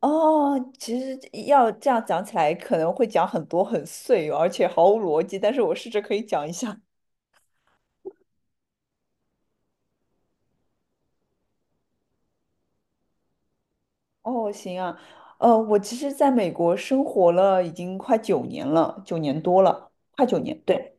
哦，其实要这样讲起来，可能会讲很多很碎，而且毫无逻辑。但是我试着可以讲一下。哦，行啊，我其实在美国生活了已经快9年了，9年多了，快九年，对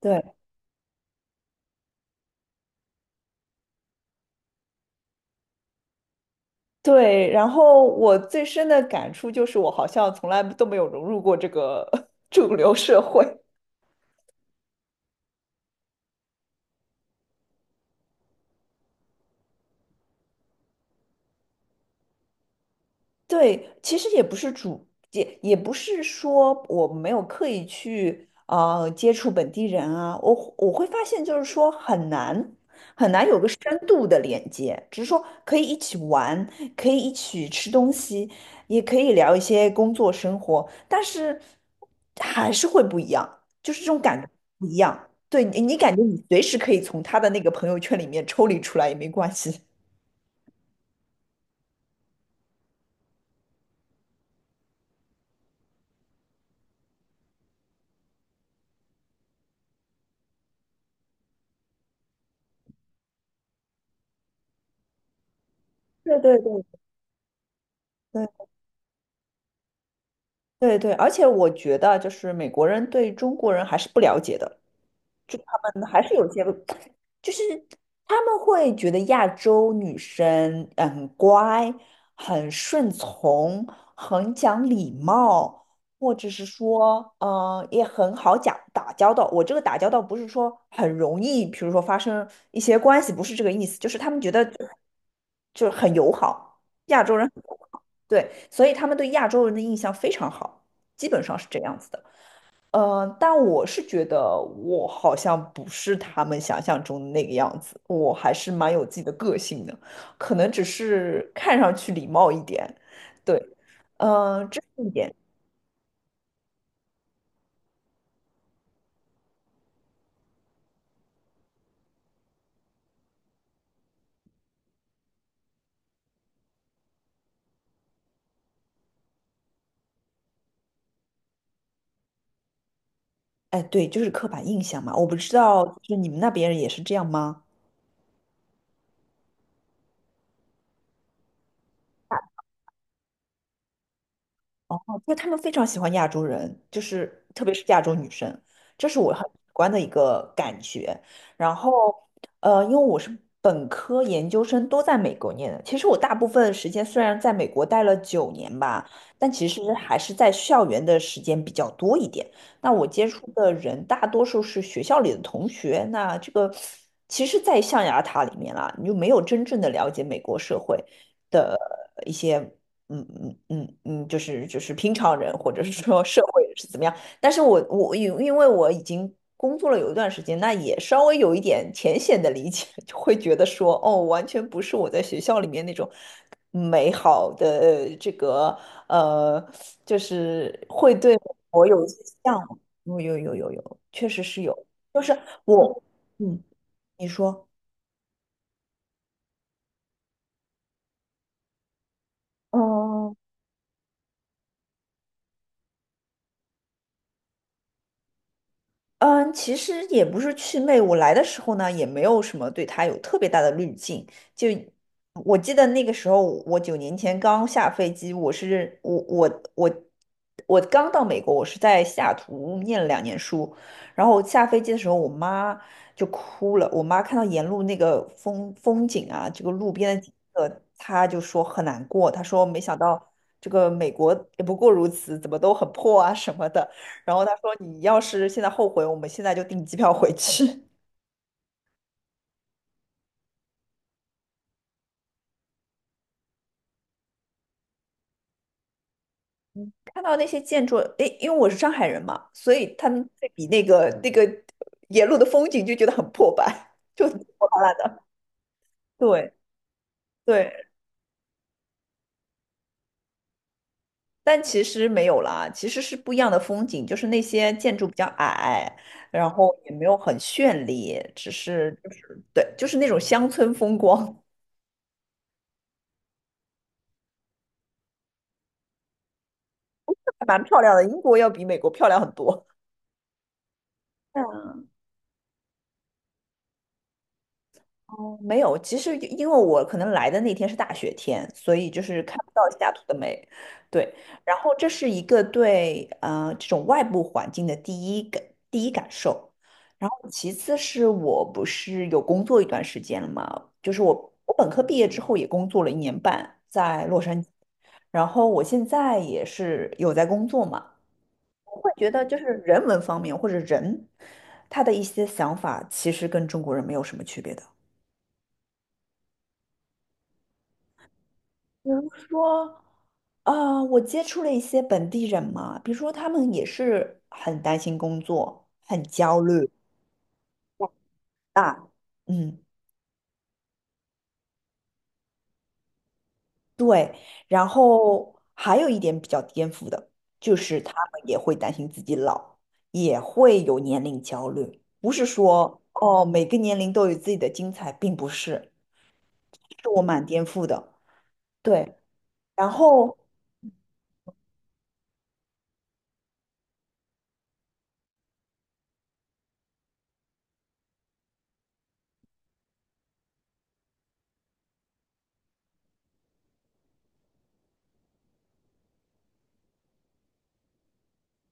对对。然后我最深的感触就是，我好像从来都没有融入过这个 主流社会。对，其实也不是说我没有刻意去接触本地人啊，我会发现就是说很难很难有个深度的连接，只是说可以一起玩，可以一起吃东西，也可以聊一些工作生活，但是还是会不一样，就是这种感觉不一样。对，你，你感觉你随时可以从他的那个朋友圈里面抽离出来也没关系。对对对对对对，而且我觉得就是美国人对中国人还是不了解的，就他们还是有些，就是他们会觉得亚洲女生很乖、很顺从、很讲礼貌，或者是说，嗯也很好讲打交道。我这个打交道不是说很容易，比如说发生一些关系，不是这个意思，就是他们觉得就是很友好，亚洲人。对，所以他们对亚洲人的印象非常好，基本上是这样子的。但我是觉得我好像不是他们想象中的那个样子，我还是蛮有自己的个性的，可能只是看上去礼貌一点。对，嗯，这是一点。哎，对，就是刻板印象嘛。我不知道，就是你们那边也是这样吗？因为他们非常喜欢亚洲人，就是特别是亚洲女生，这是我很直观的一个感觉。然后，因为我是本科、研究生都在美国念的，其实我大部分时间虽然在美国待了九年吧，但其实还是在校园的时间比较多一点。那我接触的人大多数是学校里的同学，那这个其实，在象牙塔里面啦，你就没有真正的了解美国社会的一些。嗯嗯嗯嗯，就是就是平常人或者是说社会人是怎么样？但是我我因为我已经工作了有一段时间，那也稍微有一点浅显的理解，就会觉得说，哦，完全不是我在学校里面那种美好的这个呃，就是会对我有一些向往。有有有有有，确实是有，就是我，嗯，你说。嗯，嗯，其实也不是祛魅，我来的时候呢，也没有什么对他有特别大的滤镜。就我记得那个时候，我9年前刚下飞机，我是我我我我刚到美国，我是在西雅图念了2年书，然后我下飞机的时候，我妈就哭了。我妈看到沿路那个风景啊，这个路边的景色，她就说很难过。她说没想到这个美国也不过如此，怎么都很破啊什么的。然后他说你要是现在后悔，我们现在就订机票回去。看到那些建筑，诶，因为我是上海人嘛，所以他们对比那个那个沿路的风景就觉得很破败，就挺破烂烂的。对对，但其实没有啦，其实是不一样的风景，就是那些建筑比较矮，然后也没有很绚丽，只是就是对，就是那种乡村风光，还蛮漂亮的。英国要比美国漂亮很多。嗯。哦，没有，其实因为我可能来的那天是大雪天，所以就是看不到西雅图的美。对，然后这是一个对这种外部环境的第一感受，然后其次是我不是有工作一段时间了嘛，就是我我本科毕业之后也工作了1年半在洛杉矶，然后我现在也是有在工作嘛，我会觉得就是人文方面或者人他的一些想法其实跟中国人没有什么区别的。比如说，啊，我接触了一些本地人嘛，比如说他们也是很担心工作，很焦虑啊，嗯，对。然后还有一点比较颠覆的，就是他们也会担心自己老，也会有年龄焦虑。不是说哦，每个年龄都有自己的精彩，并不是，这是我蛮颠覆的。对，然后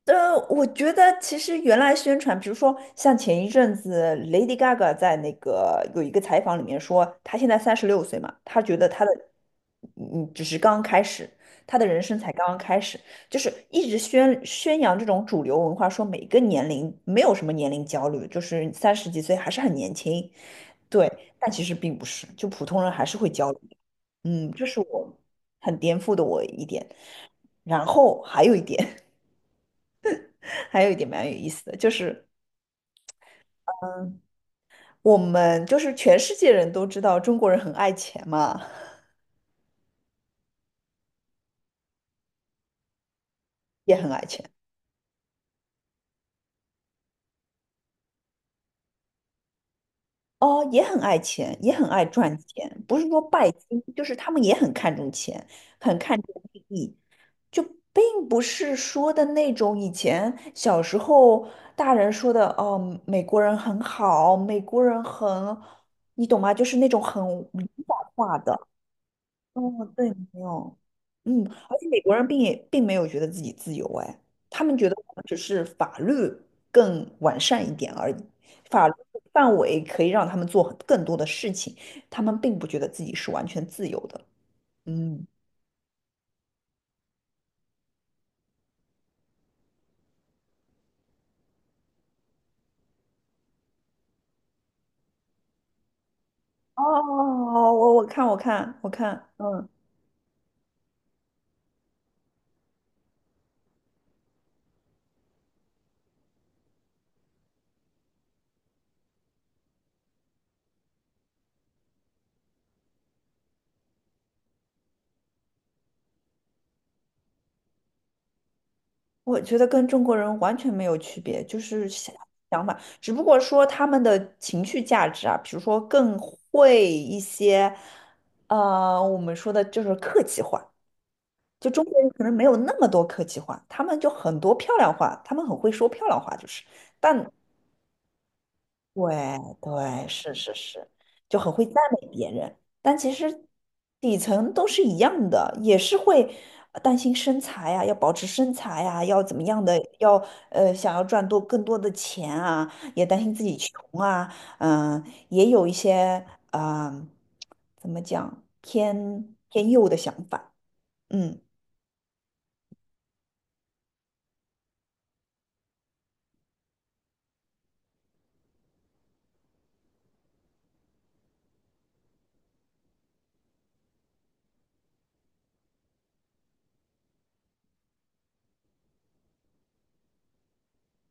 我觉得其实原来宣传，比如说像前一阵子 Lady Gaga 在那个有一个采访里面说，她现在36岁嘛，她觉得她的嗯只是刚刚开始，她的人生才刚刚开始，就是一直宣扬这种主流文化，说每个年龄没有什么年龄焦虑，就是三十几岁还是很年轻，对，但其实并不是，就普通人还是会焦虑的。嗯，这是我很颠覆的我一点，然后还有一点。还有一点蛮有意思的，就是嗯，我们就是全世界人都知道中国人很爱钱嘛，也很爱钱哦，也很爱钱，也很爱赚钱，不是说拜金，就是他们也很看重钱，很看重利益，就并不是说的那种以前小时候大人说的哦，美国人很好，美国人很，你懂吗？就是那种很理想化的。哦，对，没有，嗯，而且美国人并也并没有觉得自己自由，哎，他们觉得我们只是法律更完善一点而已，法律范围可以让他们做很更多的事情，他们并不觉得自己是完全自由的。嗯，哦，我看，嗯。我觉得跟中国人完全没有区别，就是想法，只不过说他们的情绪价值啊，比如说更会一些，我们说的就是客气话，就中国人可能没有那么多客气话，他们就很多漂亮话，他们很会说漂亮话，就是，但对对，是是是，就很会赞美别人，但其实底层都是一样的，也是会担心身材呀、要保持身材呀、要怎么样的，要想要赚多更多的钱啊，也担心自己穷啊，嗯，也有一些嗯呃怎么讲偏右的想法，嗯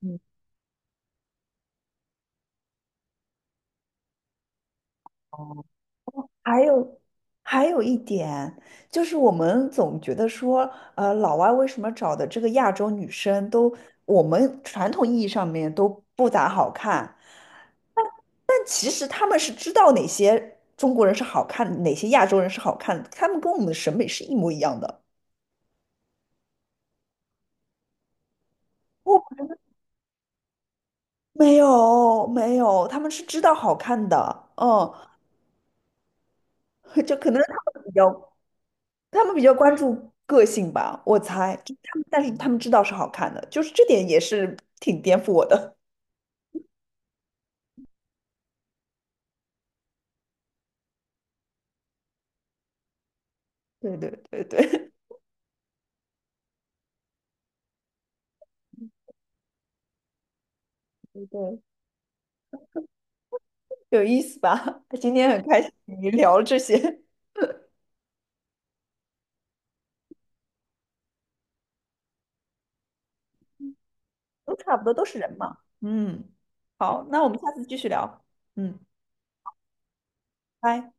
嗯还有，还有一点，就是我们总觉得说，老外为什么找的这个亚洲女生都，我们传统意义上面都不咋好看，但但其实他们是知道哪些中国人是好看，哪些亚洲人是好看的，他们跟我们的审美是一模一样的。哦，没有没有，他们是知道好看的，嗯，就可能是他们比较。他们比较关注个性吧，我猜，就他们，但是他们知道是好看的，就是这点也是挺颠覆我的。对对对对对，有意思吧？今天很开心你聊了这些，都差不多都是人嘛。嗯，好，那我们下次继续聊。嗯，拜。